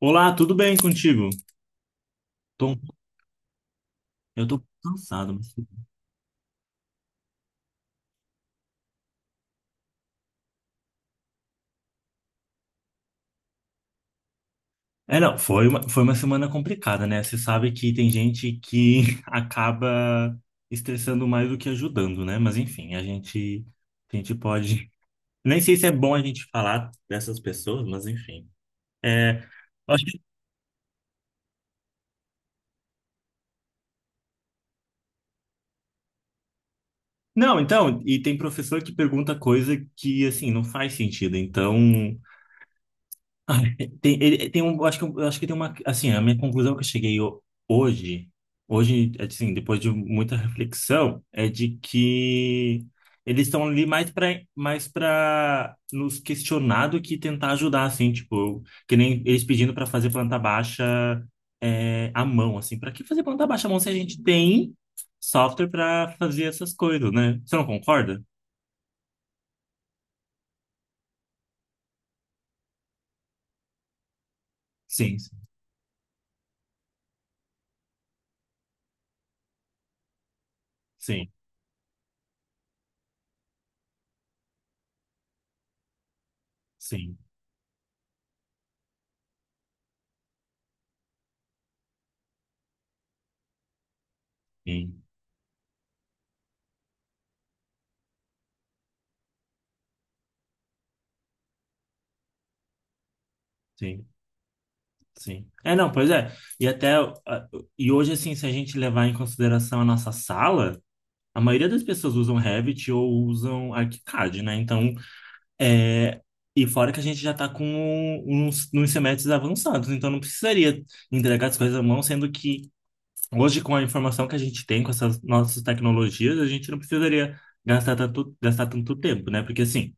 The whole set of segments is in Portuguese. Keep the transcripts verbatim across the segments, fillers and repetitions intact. Olá, tudo bem contigo? Tô- eu tô cansado, mas... É, não, foi uma, foi uma semana complicada, né? Você sabe que tem gente que acaba estressando mais do que ajudando, né? Mas enfim, a gente, a gente pode... Nem sei se é bom a gente falar dessas pessoas, mas enfim. É. acho que- Não, então, e tem professor que pergunta coisa que, assim, não faz sentido. Então, ai, Tem, ele, tem um, eu acho que, eu acho que tem uma, assim, a minha conclusão que eu cheguei ho- hoje, hoje, assim, depois de muita reflexão, é de que eles estão ali mais para mais para nos questionar do que tentar ajudar, assim, tipo, que nem eles pedindo para fazer planta baixa, é, à mão, assim. Para que fazer planta baixa à mão se a gente tem software para fazer essas coisas, né? Você não concorda? Sim, sim, sim, sim, sim. Sim. É, não, pois é. E até ah, e hoje, assim, se a gente levar em consideração a nossa sala, a maioria das pessoas usam Revit ou usam ArchiCAD, né? Então, é e fora que a gente já tá com um, uns, nos semestres avançados, então não precisaria entregar as coisas à mão, sendo que hoje, com a informação que a gente tem com essas nossas tecnologias, a gente não precisaria gastar tanto, gastar tanto tempo, né? Porque assim,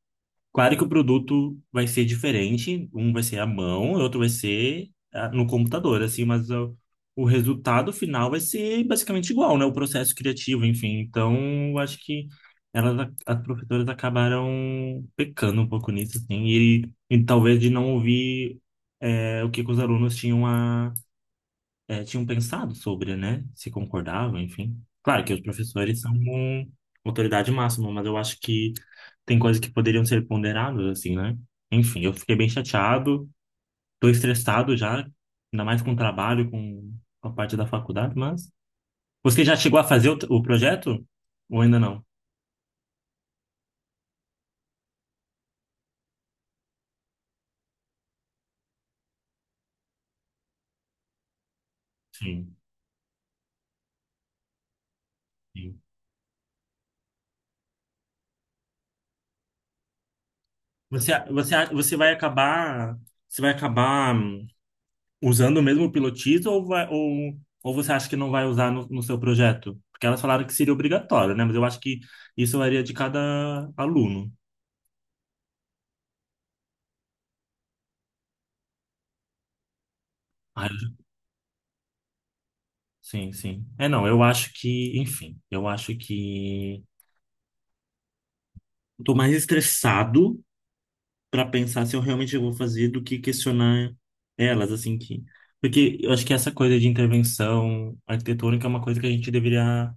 claro que o produto vai ser diferente, um vai ser à mão, o outro vai ser ah, no computador, assim, mas ah, o resultado final vai ser basicamente igual, né? O processo criativo, enfim. Então, eu acho que elas, a- as professoras acabaram pecando um pouco nisso, assim, e, e talvez de não ouvir, eh, o que que os alunos tinham, eh, tinham pensado sobre, né? Se concordavam, enfim. Claro que os professores são uma autoridade máxima, mas eu acho que tem coisas que poderiam ser ponderadas, assim, né? Enfim, eu fiquei bem chateado, tô estressado já, ainda mais com o trabalho, com a parte da faculdade, mas... Você já chegou a fazer o, o projeto? Ou ainda não? Sim, sim. Você, você, você vai acabar... Você vai acabar, hum, usando o mesmo pilotismo, ou, vai- ou, ou você acha que não vai usar no, no seu projeto? Porque elas falaram que seria obrigatório, né? Mas eu acho que isso varia de cada aluno. Ah, eu- sim, sim. É, não, eu acho que, enfim, eu acho que eu tô mais estressado para pensar se eu realmente vou fazer do que questionar elas, assim que. Porque eu acho que essa coisa de intervenção arquitetônica é uma coisa que a gente deveria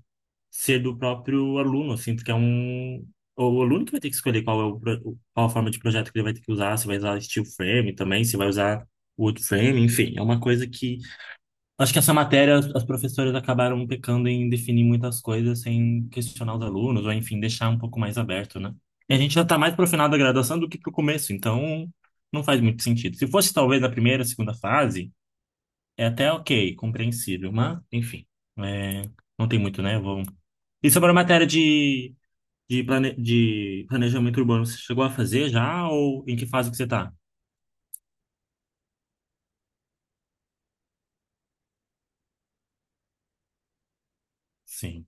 ser do próprio aluno. Eu sinto que é um. O aluno que vai ter que escolher qual é o, pro- qual a forma de projeto que ele vai ter que usar, se vai usar steel frame também, se vai usar wood frame, enfim, é uma coisa que, acho que essa matéria, as, as professoras acabaram pecando em definir muitas coisas sem questionar os alunos, ou enfim, deixar um pouco mais aberto, né? E a gente já tá mais pro final da graduação do que pro começo, então não faz muito sentido. Se fosse talvez na primeira, segunda fase, é até ok, compreensível, mas enfim, é, não tem muito, né? Vamos. E sobre a matéria de, de, plane, de planejamento urbano, você chegou a fazer já, ou em que fase que você está? Sim.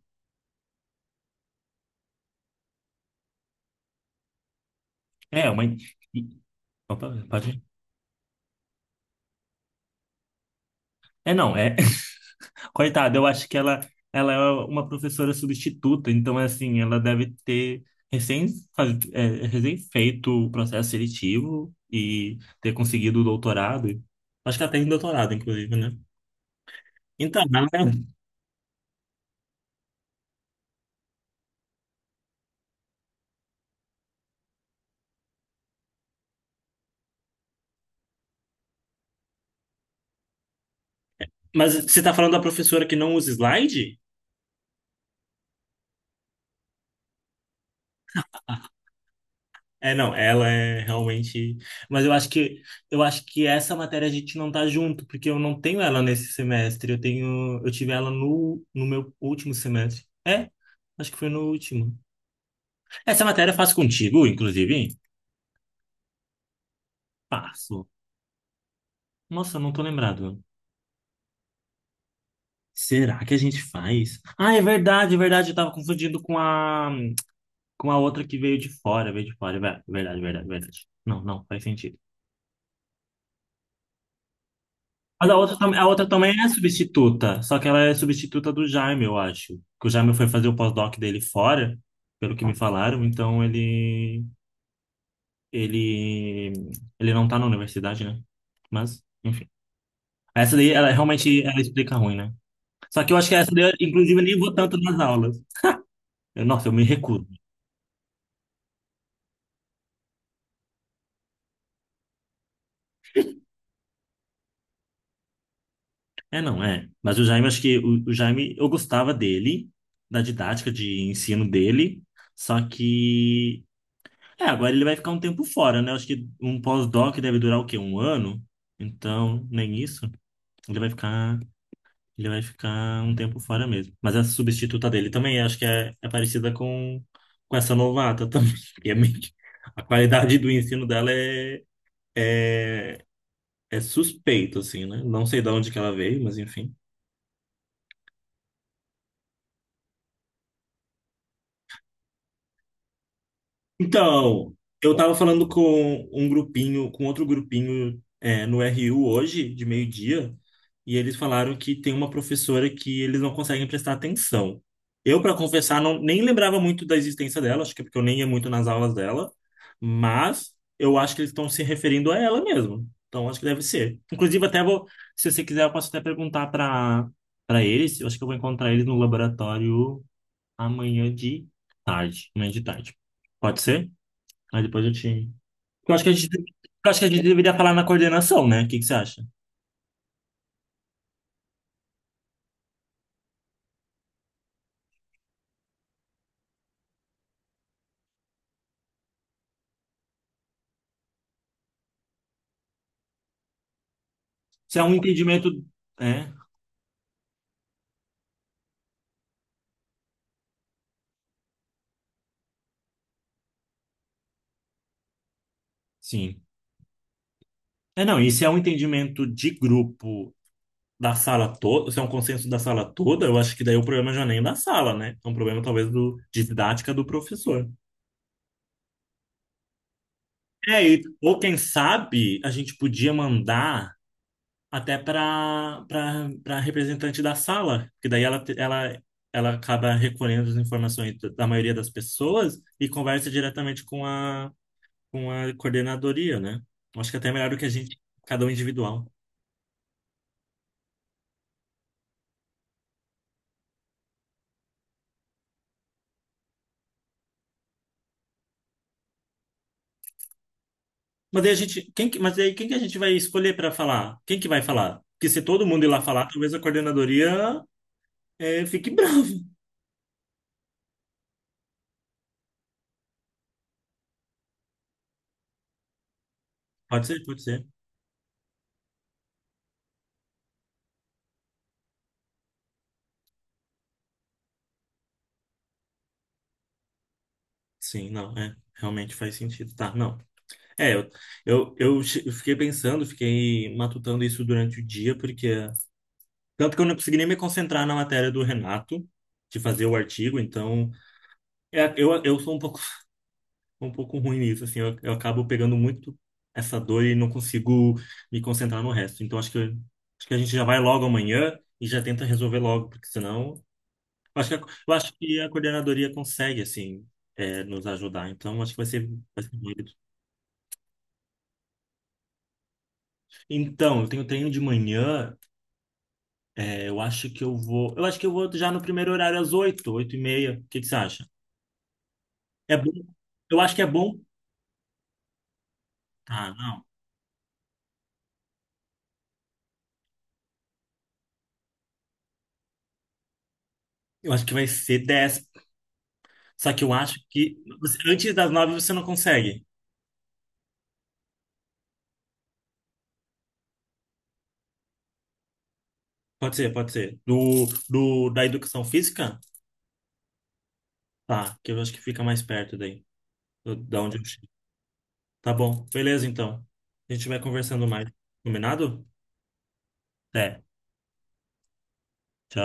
É, uma. in- i- Opa, pode. É, não, é. Coitada, eu acho que ela, ela é uma professora substituta, então, assim, ela deve ter recém, faz- é, recém feito o processo seletivo e ter conseguido o doutorado. Acho que ela tem doutorado, inclusive, né? Então, ela- é, mas você está falando da professora que não usa slide? É, não, ela é realmente. Mas eu acho que, eu acho que essa matéria a gente não tá junto, porque eu não tenho ela nesse semestre. Eu tenho, eu tive ela no, no meu último semestre. É, acho que foi no último. Essa matéria eu faço contigo, inclusive? Faço. Nossa, eu não tô lembrado. Será que a gente faz? Ah, é verdade, é verdade. Eu tava confundindo com a, com a outra que veio de fora, veio de fora. É ver- verdade, verdade, verdade. Não, não, faz sentido. Mas a outra, tam- a outra também é substituta, só que ela é substituta do Jaime, eu acho. Que o Jaime foi fazer o pós-doc dele fora, pelo que me falaram, então ele ele ele não tá na universidade, né? Mas, enfim. Essa daí, ela realmente ela explica ruim, né? Só que eu acho que essa daí, inclusive, eu nem vou tanto nas aulas. Eu, nossa, eu me recuso. É, não, é. Mas o Jaime, acho que o, o Jaime, eu gostava dele, da didática de ensino dele, só que, é, agora ele vai ficar um tempo fora, né? Acho que um pós-doc deve durar o quê? Um ano? Então, nem isso. Ele vai ficar, ele vai ficar um tempo fora mesmo. Mas a substituta dele também acho que é, é parecida com, com essa novata também. E é meio que, a qualidade do ensino dela é, é, é suspeito, assim, né? Não sei de onde que ela veio, mas enfim. Então, eu tava falando com um grupinho, com outro grupinho, é, no R U hoje, de meio-dia, e eles falaram que tem uma professora que eles não conseguem prestar atenção. Eu, para confessar, não, nem lembrava muito da existência dela, acho que é porque eu nem ia muito nas aulas dela, mas eu acho que eles estão se referindo a ela mesmo. Então, acho que deve ser. Inclusive, até vou, se você quiser, eu posso até perguntar para, para eles. Eu acho que eu vou encontrar eles no laboratório amanhã de tarde, amanhã de tarde. Pode ser? Aí depois eu te. Eu acho que a gente, eu acho que a gente deveria falar na coordenação, né? O que que você acha? Se é um entendimento. É, sim. É, não, e se é um entendimento de grupo da sala toda, se é um consenso da sala toda, eu acho que daí o problema já nem é da sala, né? É um problema talvez do, de didática do professor. É, e, ou quem sabe a gente podia mandar, até para, para representante da sala, porque daí ela, te- ela, ela acaba recolhendo as informações da, da maioria das pessoas, e conversa diretamente com a, com a coordenadoria, né? Acho que até é melhor do que a gente, cada um individual. Mas aí a gente, quem, que- mas aí quem que a gente vai escolher para falar? Quem que vai falar? Porque se todo mundo ir lá falar, talvez a coordenadoria, eh, fique brava. Pode ser, pode ser. Sim, não, é. Realmente faz sentido. Tá, não. É, eu, eu, eu che- eu fiquei pensando, fiquei matutando isso durante o dia, porque. Tanto que eu não consegui nem me concentrar na matéria do Renato, de fazer o artigo, então, é, eu, eu sou um pouco, um pouco ruim nisso, assim, eu, eu acabo pegando muito essa dor e não consigo me concentrar no resto. Então acho que, acho que a gente já vai logo amanhã e já tenta resolver logo, porque senão. Eu acho que a, eu acho que a coordenadoria consegue, assim, é, nos ajudar, então acho que vai ser, vai ser válido. Então, eu tenho treino de manhã. Eu acho que eu vou. Eu acho que eu vou já no primeiro horário, às oito, oito e meia. O que que você acha? É bom. Eu acho que é bom. Ah, não. Eu acho que vai ser dez. Só que eu acho que você, antes das nove você não consegue. Pode ser, pode ser. Do, do da educação física? Tá, que eu acho que fica mais perto daí, do- da onde eu chego. Tá bom, beleza então. A gente vai conversando mais. Combinado? Até. Tchau.